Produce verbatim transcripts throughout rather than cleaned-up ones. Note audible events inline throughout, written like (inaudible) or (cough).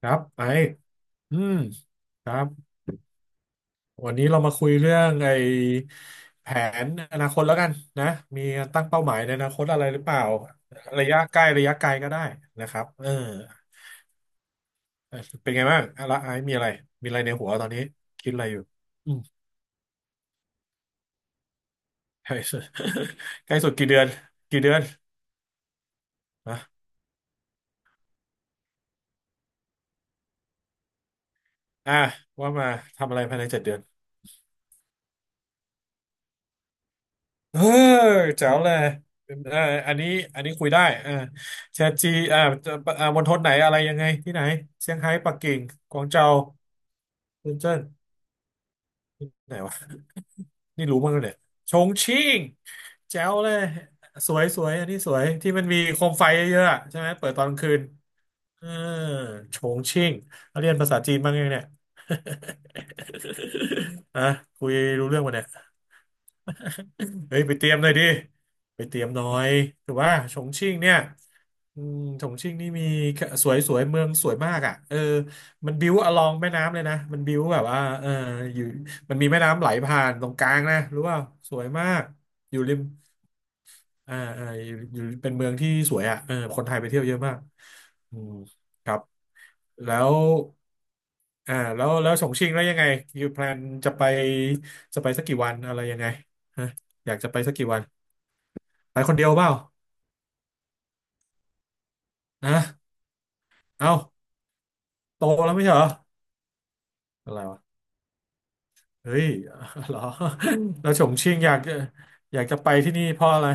ครับไออืมครับ วันนี้เรามาคุยเรื่องไอแผนอนาคตแล้วกันนะมีตั้งเป้าหมายในอนาคตอะไรหรือเปล่า ระยะใกล้ระยะไกลก็ได้นะครับเออเป็นไงบ้างอะละไอซ์มีอะไร มีอะไรในหัวตอนนี้คิดอะไรอยู่อืมใกล้สุด (laughs) ใกล้สุดกี่เดือนกี่เดือนนะอ่ะว่ามาทำอะไรภายในเจ็ดเดือน เออแจ๋วเลยเอออันนี้อันนี้คุยได้อ่าแชทจีอ่าอ่ามณฑลไหนอะไรยังไงที่ไหนเซี่ยงไฮ้ปักกิ่งกวางเจาเซินเจิ้นไหนวะนี่รู้มั้งเนี่ยชงชิ่งแจ๋วเลยสวยสวยอันนี้สวยที่มันมีโคมไฟเยอะๆอะใช่ไหมเปิดตอนกลางคืนเออชงชิ่งเรียนภาษาจีนบ้างยังเนี่ย (laughs) อ่ะ (laughs) คุยรู้เรื่องปะเนี่ย เฮ้ยไปเตรียมหน่อยดิไปเตรียมหน่อยถือว่าฉงชิ่งเนี่ยอืมฉงชิ่งนี่มีสวยสวยเมืองสวยมากอ่ะเออมันบิ้วอลองแม่น้ำเลยนะมันบิ้วแบบว่าเอออยู่มันมีแม่น้ำไหลผ่านตรงกลางนะรู้ว่าสวยมากอยู่ริมอ่าอ่าอยู่อยู่เป็นเมืองที่สวยอ่ะเออคนไทยไปเที่ยวเยอะมากอืมครับแล้วอ่าแล้วแล้วฉงชิ่งแล้วยังไงอยู่แพลนจะไปจะไปสักกี่วันอะไรยังไงฮะอยากจะไปสักกี่วันไปคนเดียวเปล่านะ เอ้าโตแล้วไม่ใช่เหรออะไรวะเฮ้ย (laughs) เหรอแล้วฉงชิ่งอยากอยากจะไปที่นี่เพราะอะไร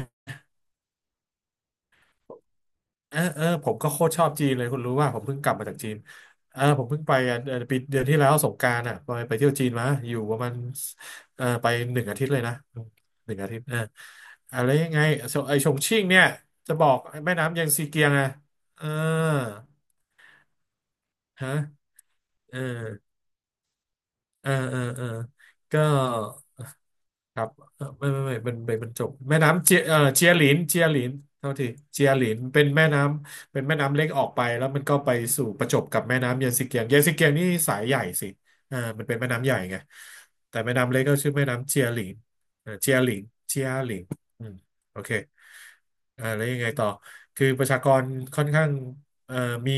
เออเออผมก็โคตรชอบจีนเลยคุณรู้ว่าผมเพิ่งกลับมาจากจีนเออผมเพิ่งไปอ่ะเอ่อปีเดือนที่แล้วสงกรานต์อ่ะไปไปเที่ยวจีนมาอยู่ประมาณเออไปหนึ่งอาทิตย์เลยนะหนึ่งอาทิตย์เอออะไรยังไงส่วนไอชงชิ่งเนี่ยจะบอกแม่น้ำแยางซีเกียงอ่ะเออฮะเออเออเออเออก็ ครับเอ่อไม่ไม่ไม่มันเปนมันจบแม่น้ำเจียเอ่อเจียหลินเจียหลินเท่าที่เจียหลินเป็นแม่น้ำเป็นแม่น้ำเล็กออกไปแล้วมันก็ไปสู่ประจบกับแม่น้ำเยนซิเกียงเยนซิเกียงนี่สายใหญ่สิอ่ามันเป็นแม่น้ำใหญ่ไงแต่แม่น้ำเล็กก็ชื่อแม่น้ำเจียหลินเอ่อเจียหลินเจียหลินอืมโอเคอ่าแล้วยังไงต่อคือประชากรค่อนข้าง เอ่อมี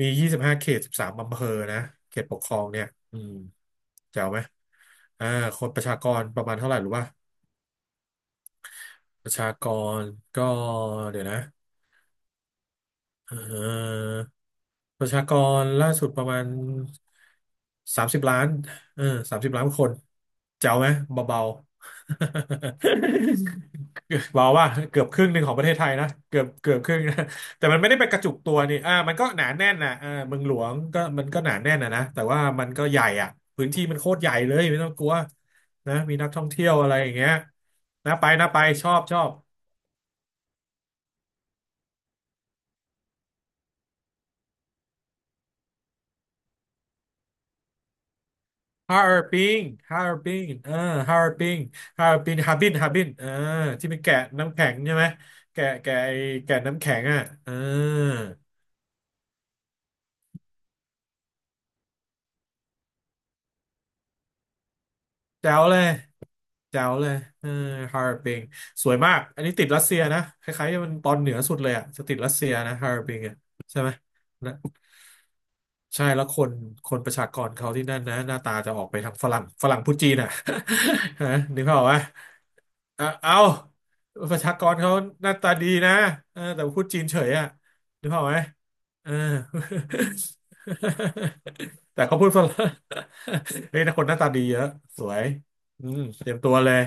มียี่สิบห้าเขตสิบสามอำเภอนะเขตปกครองเนี่ยอืมแจ๋วไหมอ่าคนประชากรประมาณเท่าไหร่รู้ป่ะประชากรก็เดี๋ยวนะเอ่อประชากรล่าสุดประมาณสามสิบล้านเออสามสิบล้านคน เจ๋วไหม เบาๆ บอกว่าเกือบครึ่งหนึ่งของประเทศไทยนะเกือบเกือบครึ่งนะ (laughs) แต่มันไม่ได้ไปกระจุกตัวนี่อ่ามันก็หนาแน่นนะอ่าเมืองหลวงก็มันก็หนาแน่นนะนะแต่ว่ามันก็ใหญ่อ่ะพื้นที่มันโคตรใหญ่เลยไม่ต้องกลัวนะมีนักท่องเที่ยวอะไรอย่างเงี้ยนะไปนะไปชอบชอบฮาร์ปิงฮาร์ปิงเออฮาร์ปิงฮาร์ปิงฮาร์บินฮาร์บินเออที่มันแกะน้ำแข็งใช่ไหมแกะแกะไอ้แกะน้ำแข็งอ่ะเออ แจ๋วเลยแจ๋วเลยเออฮาร์บิงสวยมากอันนี้ติดรัสเซียนะคล้ายๆมันตอนเหนือสุดเลยอ่ะจะติดรัสเซียนะฮาร์บิงอ่ะใช่ไหมนะใช่แล้วคนคนประชากรเขาที่นั่นนะหน้าตาจะออกไปทางฝรั่งฝรั่งพูดจีนอ่ะ (laughs) ฮะนึกภาพออกไหม เออเอาประชากรเขาหน้าตาดีนะเออแต่พูดจีนเฉยอ่ะรู้เปล่าไหมเออ (laughs) แต่เขาพูดฝรั่ง (laughs) เฮ้ยนะคนหน้าตาดีเยอะสวยอืมเตรียมตัวเลย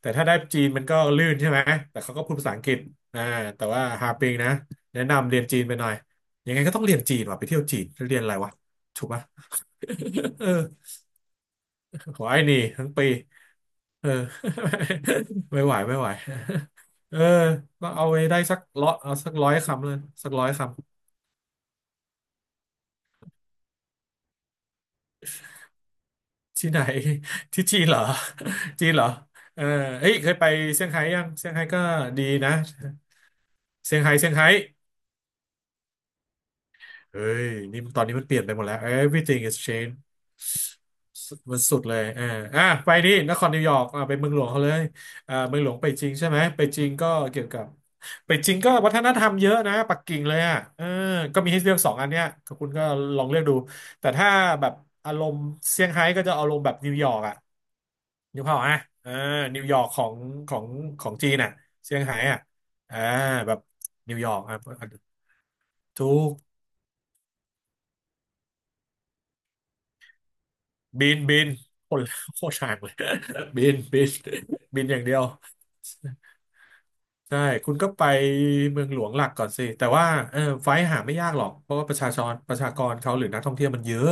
แต่ถ้าได้จีนมันก็ลื่นใช่ไหมแต่เขาก็พูดภาษาอังกฤษอ่าแต่ว่าฮาปิงนะแนะนำเรียนจีนไปหน่อยยังไงก็ต้องเรียนจีนว่ะไปเที่ยวจีนจะเรียนอะไรวะถูกปะ (laughs) เออขอไอ้นี่ทั้งปี เออ (laughs) ไม่ไหวไม่ไหว (laughs) เออต้องเอาไว้ได้สักร้อยเอาสักร้อยคำเลยสักร้อยคำที่ไหน (laughs) ที่จีนเหรอ (laughs) จีนเหรอเออเฮ้ยเคยไปเซี่ยงไฮ้ยังเซี่ยงไฮ้ก็ดีนะเซี่ยงไฮ้เซี่ยงไฮ้ เฮ้ยนี่ตอนนี้มันเปลี่ยนไปหมดแล้ว everything is changed สุดมันสุดเลยอ่าอ่ะไปดินครนิวยอร์กอ่ะไปเมืองหลวงเขาเลยอ่าเมืองหลวงไปจริงใช่ไหมไปจริงก็เกี่ยวกับไปจริงก็วัฒนธรรมเยอะนะปักกิ่งเลยอ่ะเออก็มีให้เลือกสองอันเนี้ยก็คุณก็ลองเลือกดูแต่ถ้าแบบอารมณ์เซี่ยงไฮ้ก็จะอารมณ์แบบนิวยอร์กอ่ะนิวเผาอ่ะเออนิวยอร์กของของของจีนอ่ะเซี่ยงไฮ้อ่ะอ่าแบบนิวยอร์กอ่ะถูก บินบินคนโคตรห่างเลย (laughs) บินบินบินอย่างเดียวใช่คุณก็ไปเมืองหลวงหลักก่อนสิแต่ว่าเออไฟล์หาไม่ยากหรอกเพราะว่าประชาชนประชากรเขาหรือนักท่องเที่ยวมันเยอะ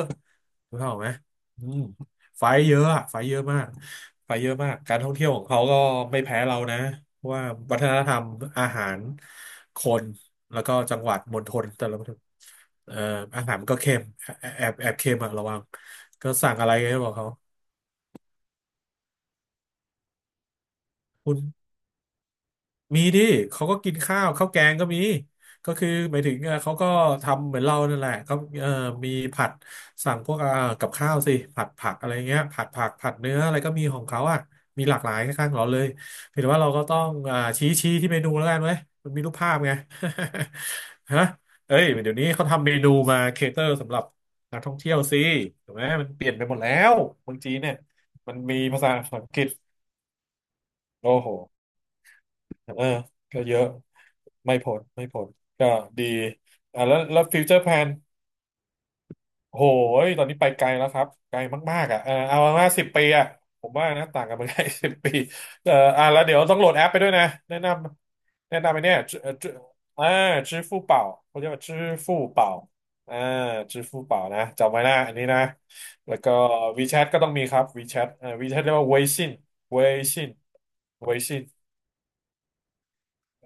รู้เปล่าไหมอืมไฟล์เยอะอะไฟล์เยอะมากไฟล์เยอะมากการท่องเที่ยวของเขาก็ไม่แพ้เรานะเพราะว่าวัฒนธรรมอาหารคนแล้วก็จังหวัดมณฑลแต่ละมณฑลเอ่ออาหารมันก็เค็มแอบแอบเค็มอะระวังก็สั่งอะไรให้บอกเขา คุณมีดิเขาก็กินข้าวข้าวแกงก็มีก็คือหมายถึงเอ่อเขาก็ทำเหมือนเรานั่นแหละเขาเอ่อมีผัดสั่งพวกเอ่อกับข้าวสิผัดผักอะไรเงี้ยผัดผักผัดเนื้ออะไรก็มีของเขาอ่ะมีหลากหลายข้างๆเราเลยเพียงแต่ว่าเราก็ต้องอ่าชี้ชี้ที่เมนูแล้วกันไหมมันมีรูปภาพไง (laughs) ฮะเอ้ยเดี๋ยวนี้เขาทำเมนูมาเคเตอร์สำหรับนักท่องเที่ยวสิถูกไหมมันเปลี่ยนไปหมดแล้วเมืองจีนเนี่ยมันมีภาษาอังกฤษโอ้โห เออก็เยอะไม่พ้นไม่พ้นก็ดีอ่าแล้วแล้วฟิวเจอร์แพลนโหยตอนนี้ไปไกลแล้วครับ ไกลมากๆอ่ะเออเอามาสิบปีอ่ะผมว่านะต่างกันเมืองไทย (laughs) สิบปีเอออ่าแล้วเดี๋ยวต้องโหลดแอปไปด้วยนะแนะนำแนะนำไปเนี่ยจื้อจื้ออ่า支付宝เป่าเขาเรียกว่า支付宝อฟู่เป่า支่าจื้อฟู่เป่านะจำไว้นะอันนี้นะ แล้วก็ WeChat ก็ต้องมีครับ WeChat เอ่อ WeChat เรียกว่าเวซินเวซินเวซิน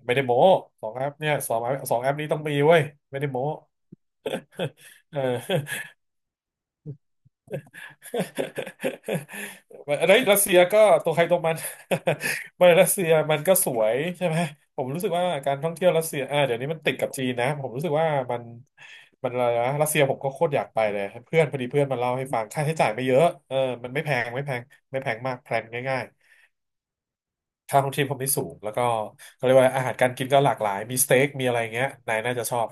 ไม่ได้โม้สองแอปเนี่ยสองแอปสองแอปนี้ต้องมีเว้ยไม่ได้โม้ (laughs) เออ (laughs) ไอ้ยรัสเซียก็ตัวใครตัวมัน (laughs) ไม่รัสเซียมันก็สวยใช่ไหมผมรู้สึกว่าการท่องเที่ยวรัสเซียอ่าเดี๋ยวนี้มันติดกับจีนนะผมรู้สึกว่ามันมันอะไรนะรัสเซียผมก็โคตรอยากไปเลยเพื่อนพอดีเพื่อนมาเล่าให้ฟังค่าใช้จ่ายไม่เยอะเออมันไม่แพงไม่แพงไม่แพงมากแพลนง่าย ค่าของชีพเขาไม่สูงแล้วก็เขาเรียกว่าอาหารการกินก็หลากหลายมีสเต็กมีอะไรเงี้ยนายน่าจะชอบ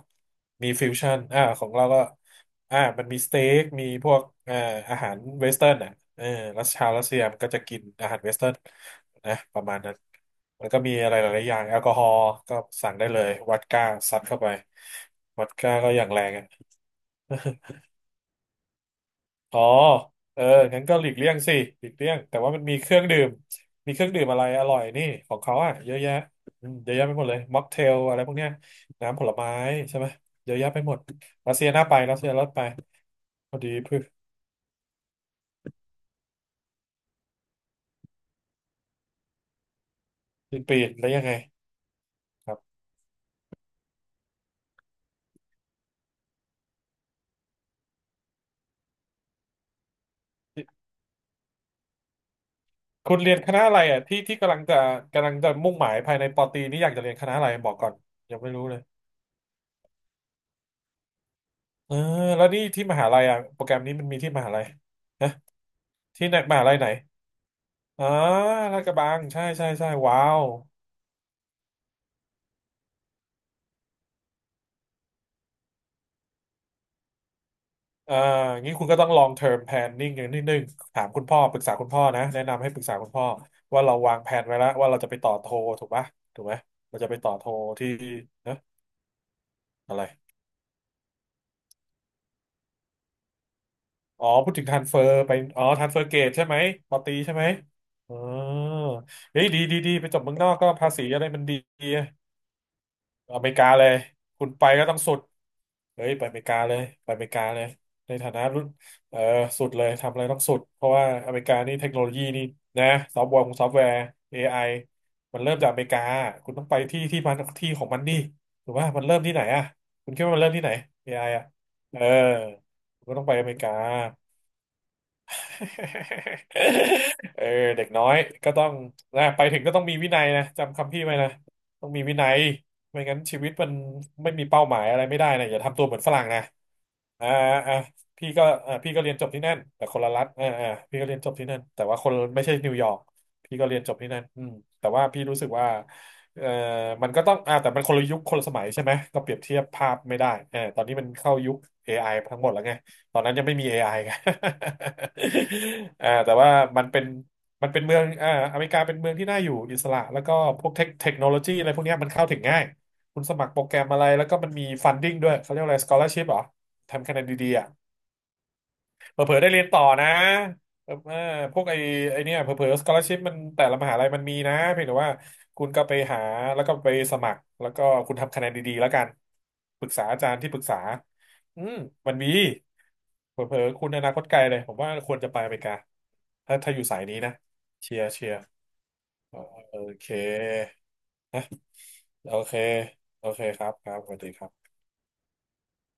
มีฟิวชั่นอ่าของเราก็อ่ามันมีสเต็กมีพวกเอ่ออาหารเวสเทิร์นอ่ะเออรัสชาวรัสเซียมันก็จะกินอาหารเวสเทิร์นนะประมาณนั้นแล้วก็มีอะไรหลายๆอย่างแอลกอฮอล์ก็สั่งได้เลยวอดก้าซัดเข้าไปวอดก้าก็อย่างแรงอะ อ๋อเอองั้นก็หลีกเลี่ยงสิหลีกเลี่ยงแต่ว่ามันมีเครื่องดื่มมีเครื่องดื่มอะไรอร่อยนี่ของเขาอ่ะเยอะแยะอืมเยอะแยะไปหมดเลยม็อกเทลอะไรพวกเนี้ยน้ำผลไม้ใช่ไหมเยอะแยะไปหมดรัสเซียน่าไปรัสเซียน่าไปพอดีเพื่อสิ้นปีแล้วยังไงครับคุณเรียนคณะอะไรอ่ะที่ที่กำลังจะกำลังจะมุ่งหมายภายในปอตรีนี่อยากจะเรียนคณะอะไรบอกก่อนยังไม่รู้เลยเออแล้วนี่ที่มหาลัยอ่ะโปรแกรมนี้มันมีที่มหาลัยนะที่ไหนมหาลัยไหนอ๋อลาดกระบังใช่ใช่ใช่ว้าว เอ่องี้คุณก็ต้อง long term planning อย่างนิดนึงถามคุณพ่อปรึกษาคุณพ่อนะแนะนำให้ปรึกษาคุณพ่อว่าเราวางแผนไว้แล้วว่าเราจะไปต่อโทถูกปะถูกไหมเราจะไปต่อโทที่เนอะอะไรอ๋อพูดถึง transfer ไปอ๋อ transfer gate ใช่ไหมปอตีใช่ไหมอ๋อเฮ้ยดีดีดีไปจบเมืองนอกก็ภาษีอะไรมันดีอเมริกาเลยคุณไปก็ต้องสุด เฮ้ยไปอเมริกาเลยไปอเมริกาเลยในฐานะรุ่นเออสุดเลยทำอะไรต้องสุดเพราะว่าอเมริกานี่เทคโนโลยีนี่นะซอฟต์แวร์ของซอฟต์แวร์ เอ มันเริ่มจากอเมริกาคุณต้องไปที่ที่มันที่ของมันดิถูกป่ะมันเริ่มที่ไหนอ่ะคุณคิดว่ามันเริ่มที่ไหน เอ อไออ่ะเออคุณก็ต้องไปอเมริกา (laughs) เออเด็กน้อยก็ต้องนะไปถึงก็ต้องมีวินัยนะจำคำพี่ไว้นะต้องมีวินัยไม่งั้นชีวิตมันไม่มีเป้าหมายอะไรไม่ได้นะอย่าทำตัวเหมือนฝรั่งนะอ่าอ่าพี่ก็อ่าพี่ก็เรียนจบที่นั่นแต่คนละรัฐอ่าอ่าพี่ก็เรียนจบที่นั่นแต่ว่าคนไม่ใช่นิวยอร์กพี่ก็เรียนจบที่นั่นอืมแต่ว่าพี่รู้สึกว่าเอ่อมันก็ต้องอ่าแต่มันคนละยุคคนละสมัยใช่ไหมก็เปรียบเทียบภาพไม่ได้เออตอนนี้มันเข้ายุค เอ ทั้งหมดแล้วไง ตอนนั้นยังไม่มี เอ ไอไง (laughs) อ่าแต่ว่ามันเป็นมันเป็นเมืองอ่าอเมริกาเป็นเมืองที่น่าอยู่อิสระแล้วก็พวกเทคเทคโนโลยีอะไรพวกเนี้ยมันเข้าถึงง่ายคุณสมัครโปรแกรมอะไรแล้วก็มันมีฟันดิ้งด้วยเขาเรียกอะไรสกอล a r ชิพเหรอทำคะแนนดีๆอ่ะเผลอๆได้เรียนต่อนะเออเออพวกไอ้ไอ้เนี่ยเผลอๆสกอล a r ชิพมันแต่ละมหาลัยมันมีนะเพียงแต่ว่าคุณก็ไปหาแล้วก็ไปสมัครแล้วก็คุณทำคะแนนดีๆแล้วกันปรึกษาอาจารย์ที่ปรึกษาอืมมันมี เผลอๆคุณอนาคตไกลเลย ผมว่าควรจะไปอเมริกาถ้าถ้าอยู่สายนี้นะเชียร์เชียร์อ๋อโอเคโอเคโอเคครับครับสวัสดีครับ